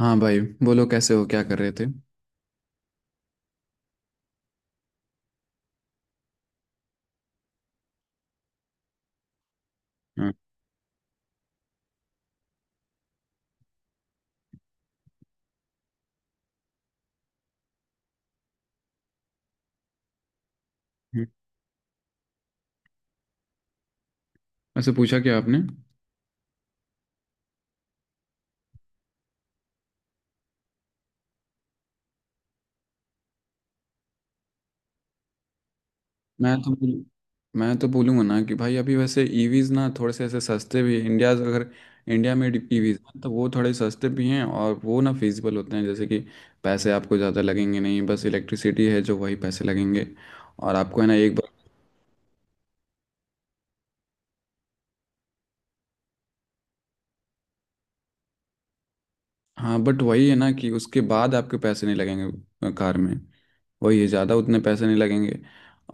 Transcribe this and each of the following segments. हाँ भाई, बोलो कैसे हो? क्या कर रहे थे? हाँ। हम्म, वैसे पूछा क्या आपने? मैं तो बोल- मैं तो बोलूँगा ना कि भाई, अभी वैसे ईवीज ना थोड़े से ऐसे सस्ते भी इंडिया अगर इंडिया में ईवीज ना तो वो थोड़े सस्ते भी हैं और वो ना फिजिबल होते हैं। जैसे कि पैसे आपको ज़्यादा लगेंगे नहीं, बस इलेक्ट्रिसिटी है जो वही पैसे लगेंगे। और आपको है ना एक बार। हाँ, बट वही है ना कि उसके बाद आपके पैसे नहीं लगेंगे कार में। वही है, ज़्यादा उतने पैसे नहीं लगेंगे।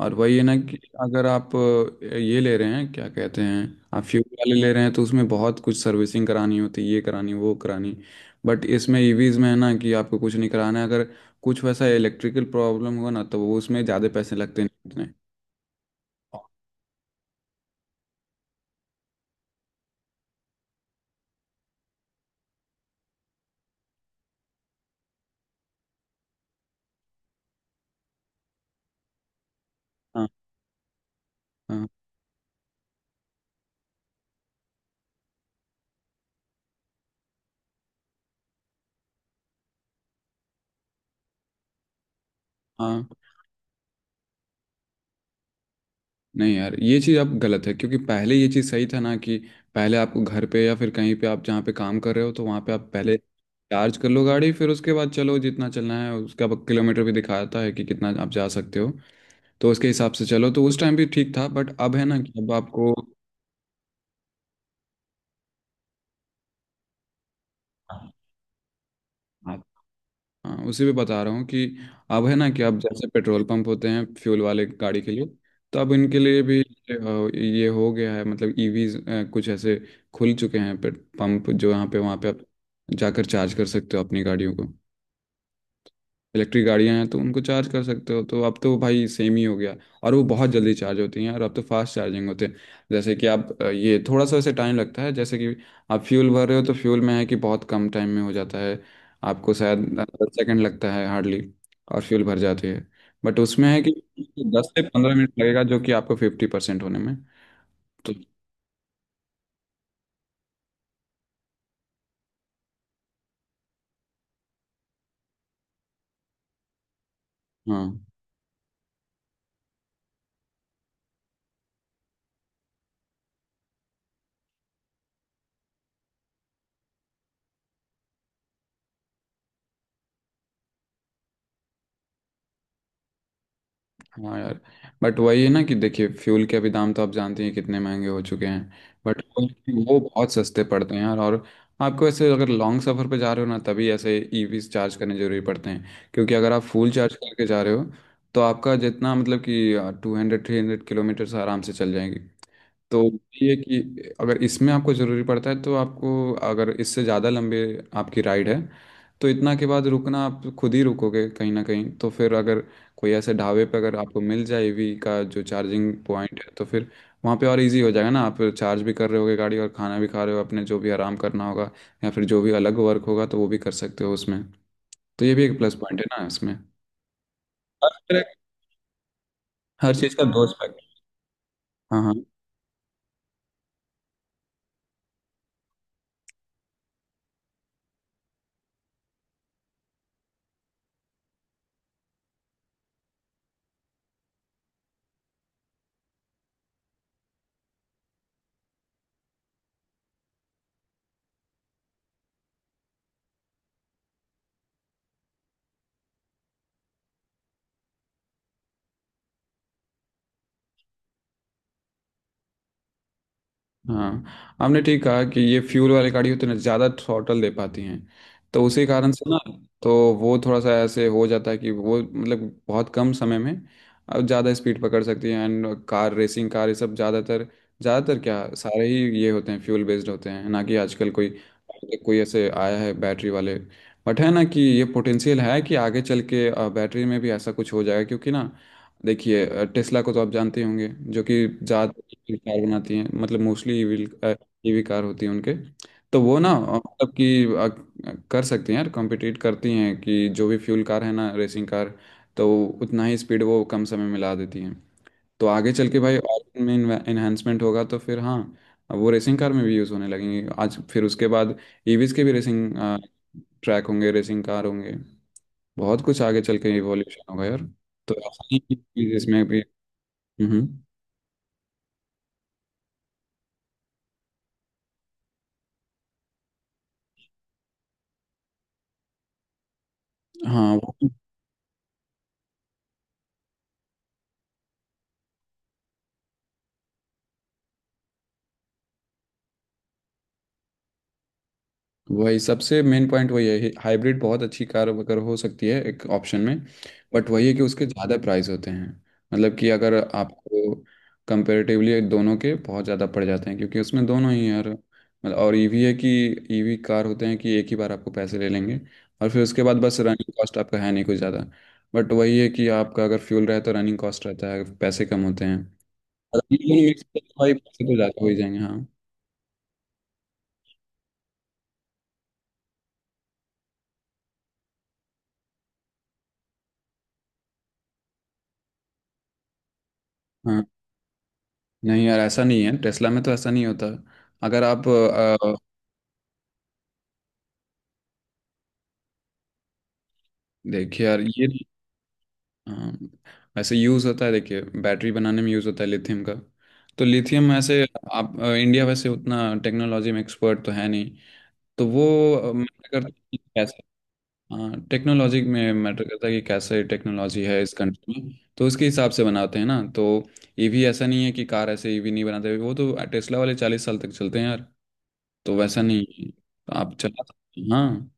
और वही है ना कि अगर आप ये ले रहे हैं, क्या कहते हैं, आप फ्यूल वाले ले रहे हैं तो उसमें बहुत कुछ सर्विसिंग करानी होती है, ये करानी वो करानी। बट इसमें ईवीज में है ना कि आपको कुछ नहीं कराना है। अगर कुछ वैसा इलेक्ट्रिकल प्रॉब्लम हुआ ना तो वो उसमें ज़्यादा पैसे लगते नहीं उतने। हाँ, हाँ, हाँ, नहीं यार, ये चीज़ आप गलत है। क्योंकि पहले ये चीज़ सही था ना कि पहले आपको घर पे या फिर कहीं पे आप जहाँ पे काम कर रहे हो तो वहाँ पे आप पहले चार्ज कर लो गाड़ी। फिर उसके बाद चलो जितना चलना है, उसका अब किलोमीटर भी दिखाता है कि कितना आप जा सकते हो। तो उसके हिसाब से चलो तो उस टाइम भी ठीक था। बट अब है ना कि अब आपको, हाँ, हाँ उसी पे बता रहा हूँ कि अब है ना कि अब जैसे पेट्रोल पंप होते हैं फ्यूल वाले गाड़ी के लिए, तो अब इनके लिए भी ये हो गया है, मतलब ईवीज कुछ ऐसे खुल चुके हैं पेट पंप, जो यहाँ पे वहाँ पे आप जाकर चार्ज कर सकते हो अपनी गाड़ियों को। इलेक्ट्रिक गाड़ियां हैं तो उनको चार्ज कर सकते हो। तो अब तो भाई सेम ही हो गया। और वो बहुत जल्दी चार्ज होती हैं, और अब तो फास्ट चार्जिंग होते हैं। जैसे कि आप ये थोड़ा सा वैसे टाइम लगता है। जैसे कि आप फ्यूल भर रहे हो तो फ्यूल में है कि बहुत कम टाइम में हो जाता है। आपको शायद 10 सेकंड लगता है हार्डली, और फ्यूल भर जाती है। बट उसमें है कि 10 से 15 मिनट लगेगा, जो कि आपको 50% होने में। तो हाँ, हाँ यार, बट वही है ना कि देखिए फ्यूल के अभी दाम तो आप जानते हैं कितने महंगे हो चुके हैं। बट वो बहुत सस्ते पड़ते हैं यार। और आपको ऐसे अगर लॉन्ग सफ़र पे जा रहे हो ना, तभी ऐसे ईवीज चार्ज करने जरूरी पड़ते हैं। क्योंकि अगर आप फुल चार्ज करके जा रहे हो तो आपका जितना मतलब कि 200 300 किलोमीटर्स आराम से चल जाएंगे। तो ये कि अगर इसमें आपको ज़रूरी पड़ता है तो आपको, अगर इससे ज़्यादा लंबे आपकी राइड है, तो इतना के बाद रुकना आप खुद ही रुकोगे कहीं ना कहीं। तो फिर अगर कोई ऐसे ढाबे पे अगर आपको मिल जाए ईवी का जो चार्जिंग पॉइंट है तो फिर वहाँ पे और इजी हो जाएगा ना। आप चार्ज भी कर रहे होगे गाड़ी, और खाना भी खा रहे हो, अपने जो भी आराम करना होगा, या फिर जो भी अलग वर्क होगा तो वो भी कर सकते हो उसमें। तो ये भी एक प्लस पॉइंट है ना इसमें। हर तरह- हर चीज़ का दो aspect है। हाँ, हाँ। हाँ, आपने ठीक कहा कि ये फ्यूल वाली गाड़ी उतने ज़्यादा थ्रॉटल दे पाती हैं, तो उसी कारण से ना। तो वो थोड़ा सा ऐसे हो जाता है कि वो मतलब बहुत कम समय में अब ज़्यादा स्पीड पकड़ सकती है। एंड कार रेसिंग कार, ये सब ज़्यादातर, ज़्यादातर क्या, सारे ही ये होते हैं फ्यूल बेस्ड होते हैं ना कि आजकल कोई कोई ऐसे आया है बैटरी वाले। बट है ना कि ये पोटेंशियल है कि आगे चल के बैटरी में भी ऐसा कुछ हो जाएगा। क्योंकि ना, देखिए टेस्ला को तो आप जानते ही होंगे जो कि ज़्यादा कार बनाती हैं, मतलब मोस्टली ईवी, ईवी कार होती हैं उनके। तो वो ना मतलब कि कर सकती हैं यार, कॉम्पिटिट करती हैं कि जो भी फ्यूल कार है ना रेसिंग कार। तो उतना ही स्पीड वो कम समय में ला देती हैं। तो आगे चल के भाई और इनमें इन्हेंसमेंट होगा तो फिर हाँ, वो रेसिंग कार में भी यूज़ होने लगेंगे। आज फिर उसके बाद ईवीज के भी रेसिंग ट्रैक होंगे, रेसिंग कार होंगे। बहुत कुछ आगे चल के इवोल्यूशन होगा यार। तो ऐसा नहीं कि इसमें भी, हम्म हाँ, वही सबसे मेन पॉइंट वही है, हाइब्रिड बहुत अच्छी कार अगर हो सकती है एक ऑप्शन में। बट वही है कि उसके ज़्यादा प्राइस होते हैं। मतलब कि अगर आपको कंपेरेटिवली दोनों के बहुत ज़्यादा पड़ जाते हैं क्योंकि उसमें दोनों ही यार। मतलब और ईवी है कि ईवी कार होते हैं कि एक ही बार आपको पैसे ले लेंगे, और फिर उसके बाद बस रनिंग कॉस्ट आपका है नहीं कुछ ज़्यादा। बट वही है कि आपका अगर फ्यूल रहे तो रनिंग कॉस्ट रहता है, पैसे कम होते हैं। और दोनों mix करके भाई पैसे तो ज़्यादा हो ही जाएंगे। हाँ, हाँ। नहीं यार, ऐसा नहीं है। टेस्ला में तो ऐसा नहीं होता। अगर आप देखिए यार ये, हाँ, वैसे यूज़ होता है, देखिए बैटरी बनाने में यूज़ होता है लिथियम का। तो लिथियम ऐसे, आप इंडिया वैसे उतना टेक्नोलॉजी में एक्सपर्ट तो है नहीं। तो वो मैटर करता है कि कैसे, हाँ टेक्नोलॉजी में मैटर करता है कि कैसे टेक्नोलॉजी है इस कंट्री में, तो उसके हिसाब से बनाते हैं ना। तो ईवी ऐसा नहीं है कि कार, ऐसे ईवी नहीं बनाते। वो तो टेस्ला वाले 40 साल तक चलते हैं यार। तो वैसा नहीं है। तो आप चला सकते हैं। हाँ,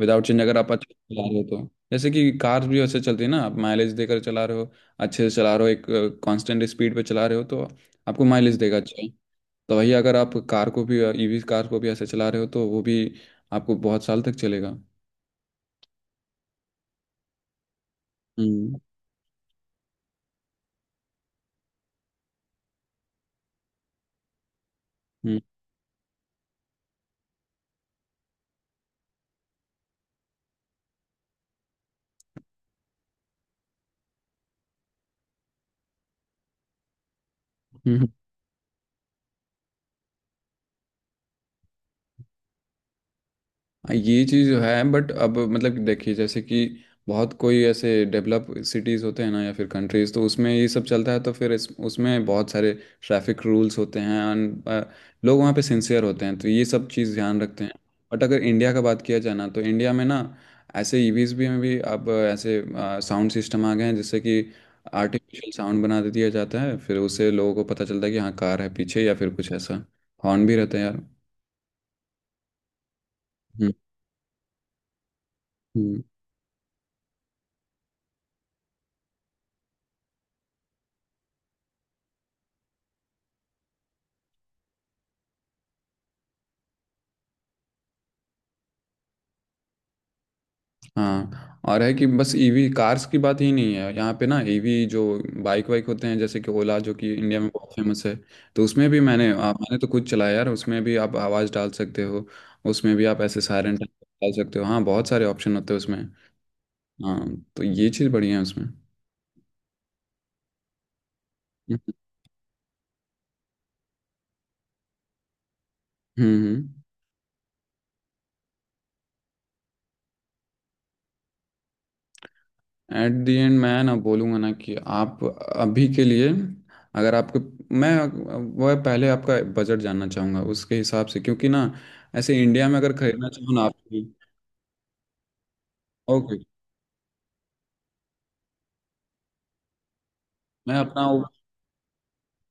विदाउट चेंज अगर आप अच्छे से चला रहे हो तो। जैसे कि कार भी वैसे चलती है ना, आप माइलेज देकर चला रहे हो, अच्छे से चला रहे हो, एक कांस्टेंट स्पीड पे चला रहे हो तो आपको माइलेज देगा अच्छा। तो वही अगर आप कार को भी, ईवी कार को भी ऐसे चला रहे हो तो वो भी आपको बहुत साल तक चलेगा। हम्म। हम्म हम्म। हाँ, ये चीज़ है, बट अब मतलब कि देखिए जैसे कि बहुत कोई ऐसे डेवलप सिटीज़ होते हैं ना या फिर कंट्रीज़, तो उसमें ये सब चलता है। तो फिर इस उसमें बहुत सारे ट्रैफिक रूल्स होते हैं and, लोग वहाँ पे सिंसियर होते हैं, तो ये सब चीज़ ध्यान रखते हैं। बट अगर इंडिया का बात किया जाए ना तो इंडिया में ना, ऐसे ईवीज भी में भी अब ऐसे साउंड सिस्टम आ गए हैं जिससे कि आर्टिफिशियल साउंड बना दे दिया जाता है। फिर उससे लोगों को पता चलता है कि हाँ कार है पीछे, या फिर कुछ ऐसा। हॉर्न भी रहता है यार। हम्म हम्म। हाँ, और है कि बस ईवी कार्स की बात ही नहीं है यहाँ पे ना। ईवी जो बाइक वाइक होते हैं जैसे कि ओला जो कि इंडिया में बहुत फेमस है, तो उसमें भी मैंने तो खुद चलाया यार। उसमें भी आप आवाज़ डाल सकते हो, उसमें भी आप ऐसे सायरन डाल सकते हो। हाँ, बहुत सारे ऑप्शन होते हैं उसमें। हाँ, तो ये चीज़ बढ़िया है उसमें। हम्म हम्म हम्म। एट दी एंड मैं ना बोलूँगा ना कि आप अभी के लिए, अगर आपको, मैं वह पहले आपका बजट जानना चाहूँगा उसके हिसाब से। क्योंकि ना ऐसे इंडिया में अगर खरीदना चाहो ना आप, ओके मैं अपना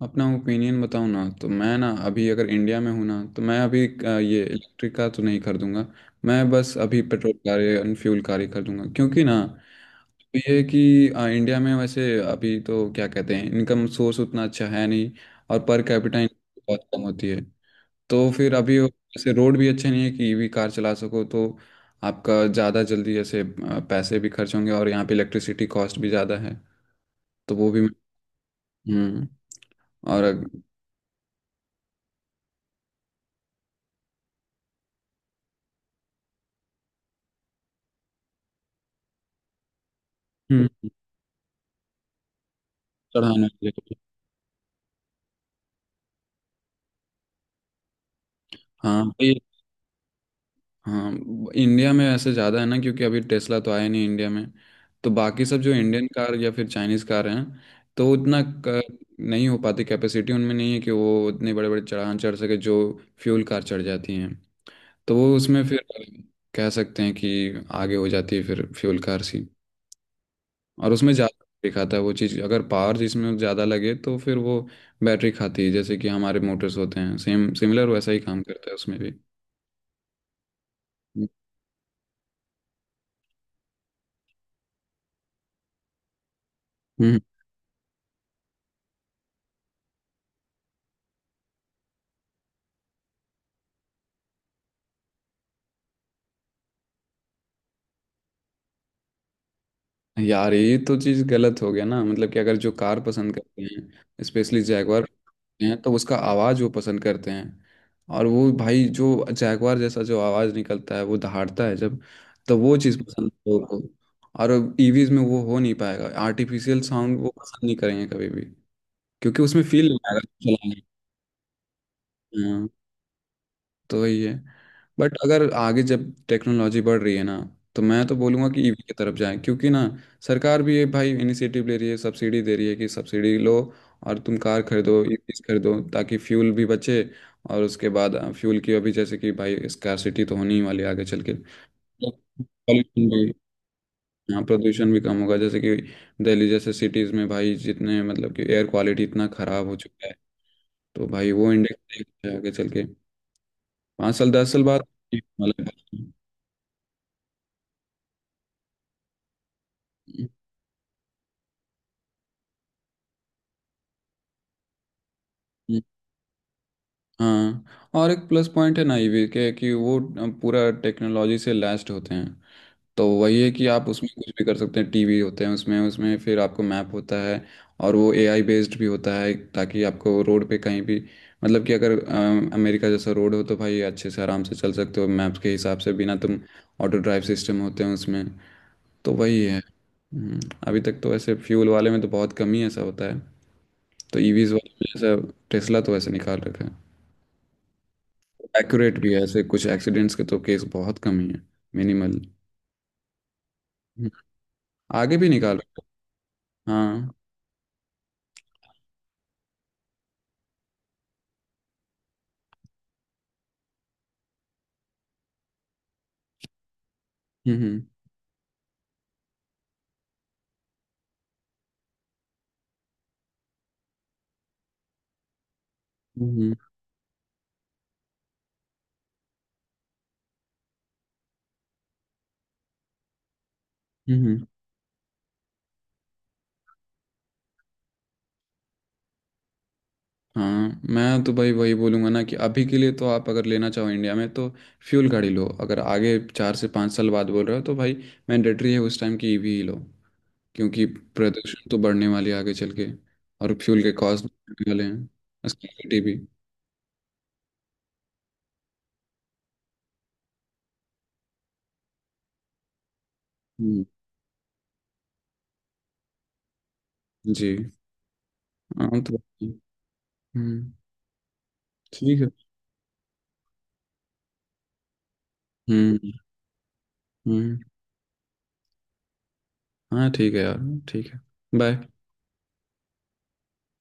अपना ओपिनियन बताऊं ना, तो मैं ना अभी अगर इंडिया में हूँ ना तो मैं अभी ये इलेक्ट्रिक का तो नहीं खरीदूंगा। मैं बस अभी petrol car and fuel car ही खरीदूंगा। क्योंकि ना तो ये है कि इंडिया में वैसे अभी तो क्या कहते हैं, इनकम सोर्स उतना अच्छा है नहीं, और पर कैपिटा इनकम बहुत कम होती है। तो फिर अभी वैसे रोड भी अच्छे नहीं है कि ईवी कार चला सको, तो आपका ज़्यादा जल्दी ऐसे पैसे भी खर्च होंगे, और यहाँ पे इलेक्ट्रिसिटी कॉस्ट भी ज़्यादा है, तो वो भी। हम्म और हम्म चढ़ाने के लिए, हाँ भाई, हाँ इंडिया में ऐसे ज़्यादा है ना क्योंकि अभी टेस्ला तो आया नहीं इंडिया में। तो बाकी सब जो इंडियन कार या फिर चाइनीज़ कार हैं तो उतना, नहीं हो पाती, कैपेसिटी उनमें नहीं है कि वो उतने बड़े बड़े चढ़ान चढ़ सके जो फ्यूल कार चढ़ जाती हैं। तो वो उसमें फिर कह सकते हैं कि आगे हो जाती है फिर फ्यूल कार सी। और उसमें ज़्यादा दिखाता है वो चीज़ अगर पावर जिसमें ज़्यादा लगे तो फिर वो बैटरी खाती है। जैसे कि हमारे मोटर्स होते हैं, सेम सिमिलर वैसा ही काम करता है उसमें भी। हम्म यार ये तो चीज गलत हो गया ना। मतलब कि अगर जो कार पसंद करते हैं, स्पेशली जैगवार हैं, तो उसका आवाज वो पसंद करते हैं। और वो भाई जो जैगवार जैसा जो आवाज निकलता है, वो दहाड़ता है जब, तो वो चीज पसंद है लोगों को। और ईवीज में वो हो नहीं पाएगा। आर्टिफिशियल साउंड वो पसंद नहीं करेंगे कभी भी, क्योंकि उसमें फील नहीं आएगा चलाने में। हाँ, तो वही है। बट अगर आगे जब टेक्नोलॉजी बढ़ रही है ना, तो मैं तो बोलूँगा कि ईवी की तरफ जाएं। क्योंकि ना, सरकार भी ये भाई इनिशिएटिव ले रही है, सब्सिडी दे रही है कि सब्सिडी लो और तुम कार खरीदो, ईवीज खरीदो, ताकि फ्यूल भी बचे। और उसके बाद फ्यूल की अभी जैसे कि भाई स्कार्सिटी तो होनी ही वाली है आगे चल के। पॉल्यूशन भी, हाँ प्रदूषण भी कम होगा। जैसे कि दिल्ली जैसे सिटीज़ में भाई जितने मतलब कि एयर क्वालिटी इतना ख़राब हो चुका है, तो भाई वो इंडेक्स आगे चल के 5 साल 10 साल बाद। हाँ और एक प्लस पॉइंट है ना ईवी के कि वो पूरा टेक्नोलॉजी से लैस्ड होते हैं। तो वही है कि आप उसमें कुछ भी कर सकते हैं, टीवी होते हैं उसमें, उसमें फिर आपको मैप होता है। और वो एआई बेस्ड भी होता है, ताकि आपको रोड पे कहीं भी, मतलब कि अगर अमेरिका जैसा रोड हो तो भाई अच्छे से आराम से चल सकते हो मैप्स के हिसाब से बिना तुम। ऑटो ड्राइव सिस्टम होते हैं उसमें, तो वही है। हम्म, अभी तक तो ऐसे फ्यूल वाले में तो बहुत कम ही ऐसा होता है। तो ईवीज वाले में ऐसा, टेस्ला तो ऐसे निकाल रखा है। एक्यूरेट भी है, ऐसे कुछ एक्सीडेंट्स के तो केस बहुत कम ही है, मिनिमल। आगे भी निकालो। हाँ। हम्म, हम्म, हम्म, हम्म। हाँ, मैं तो भाई वही बोलूँगा ना कि अभी के लिए तो आप अगर लेना चाहो इंडिया में तो फ्यूल गाड़ी लो। अगर आगे 4 से 5 साल बाद बोल रहे हो तो भाई मैंडेटरी है उस टाइम की ईवी ही लो। क्योंकि प्रदूषण तो बढ़ने वाली है आगे चल के, और फ्यूल के कॉस्ट बढ़ने वाले हैं, स्कैनिटी भी। हम्म, जी। हाँ तो, हम्म, ठीक है। हम्म हम्म। हाँ ठीक है यार। ठीक है। बाय।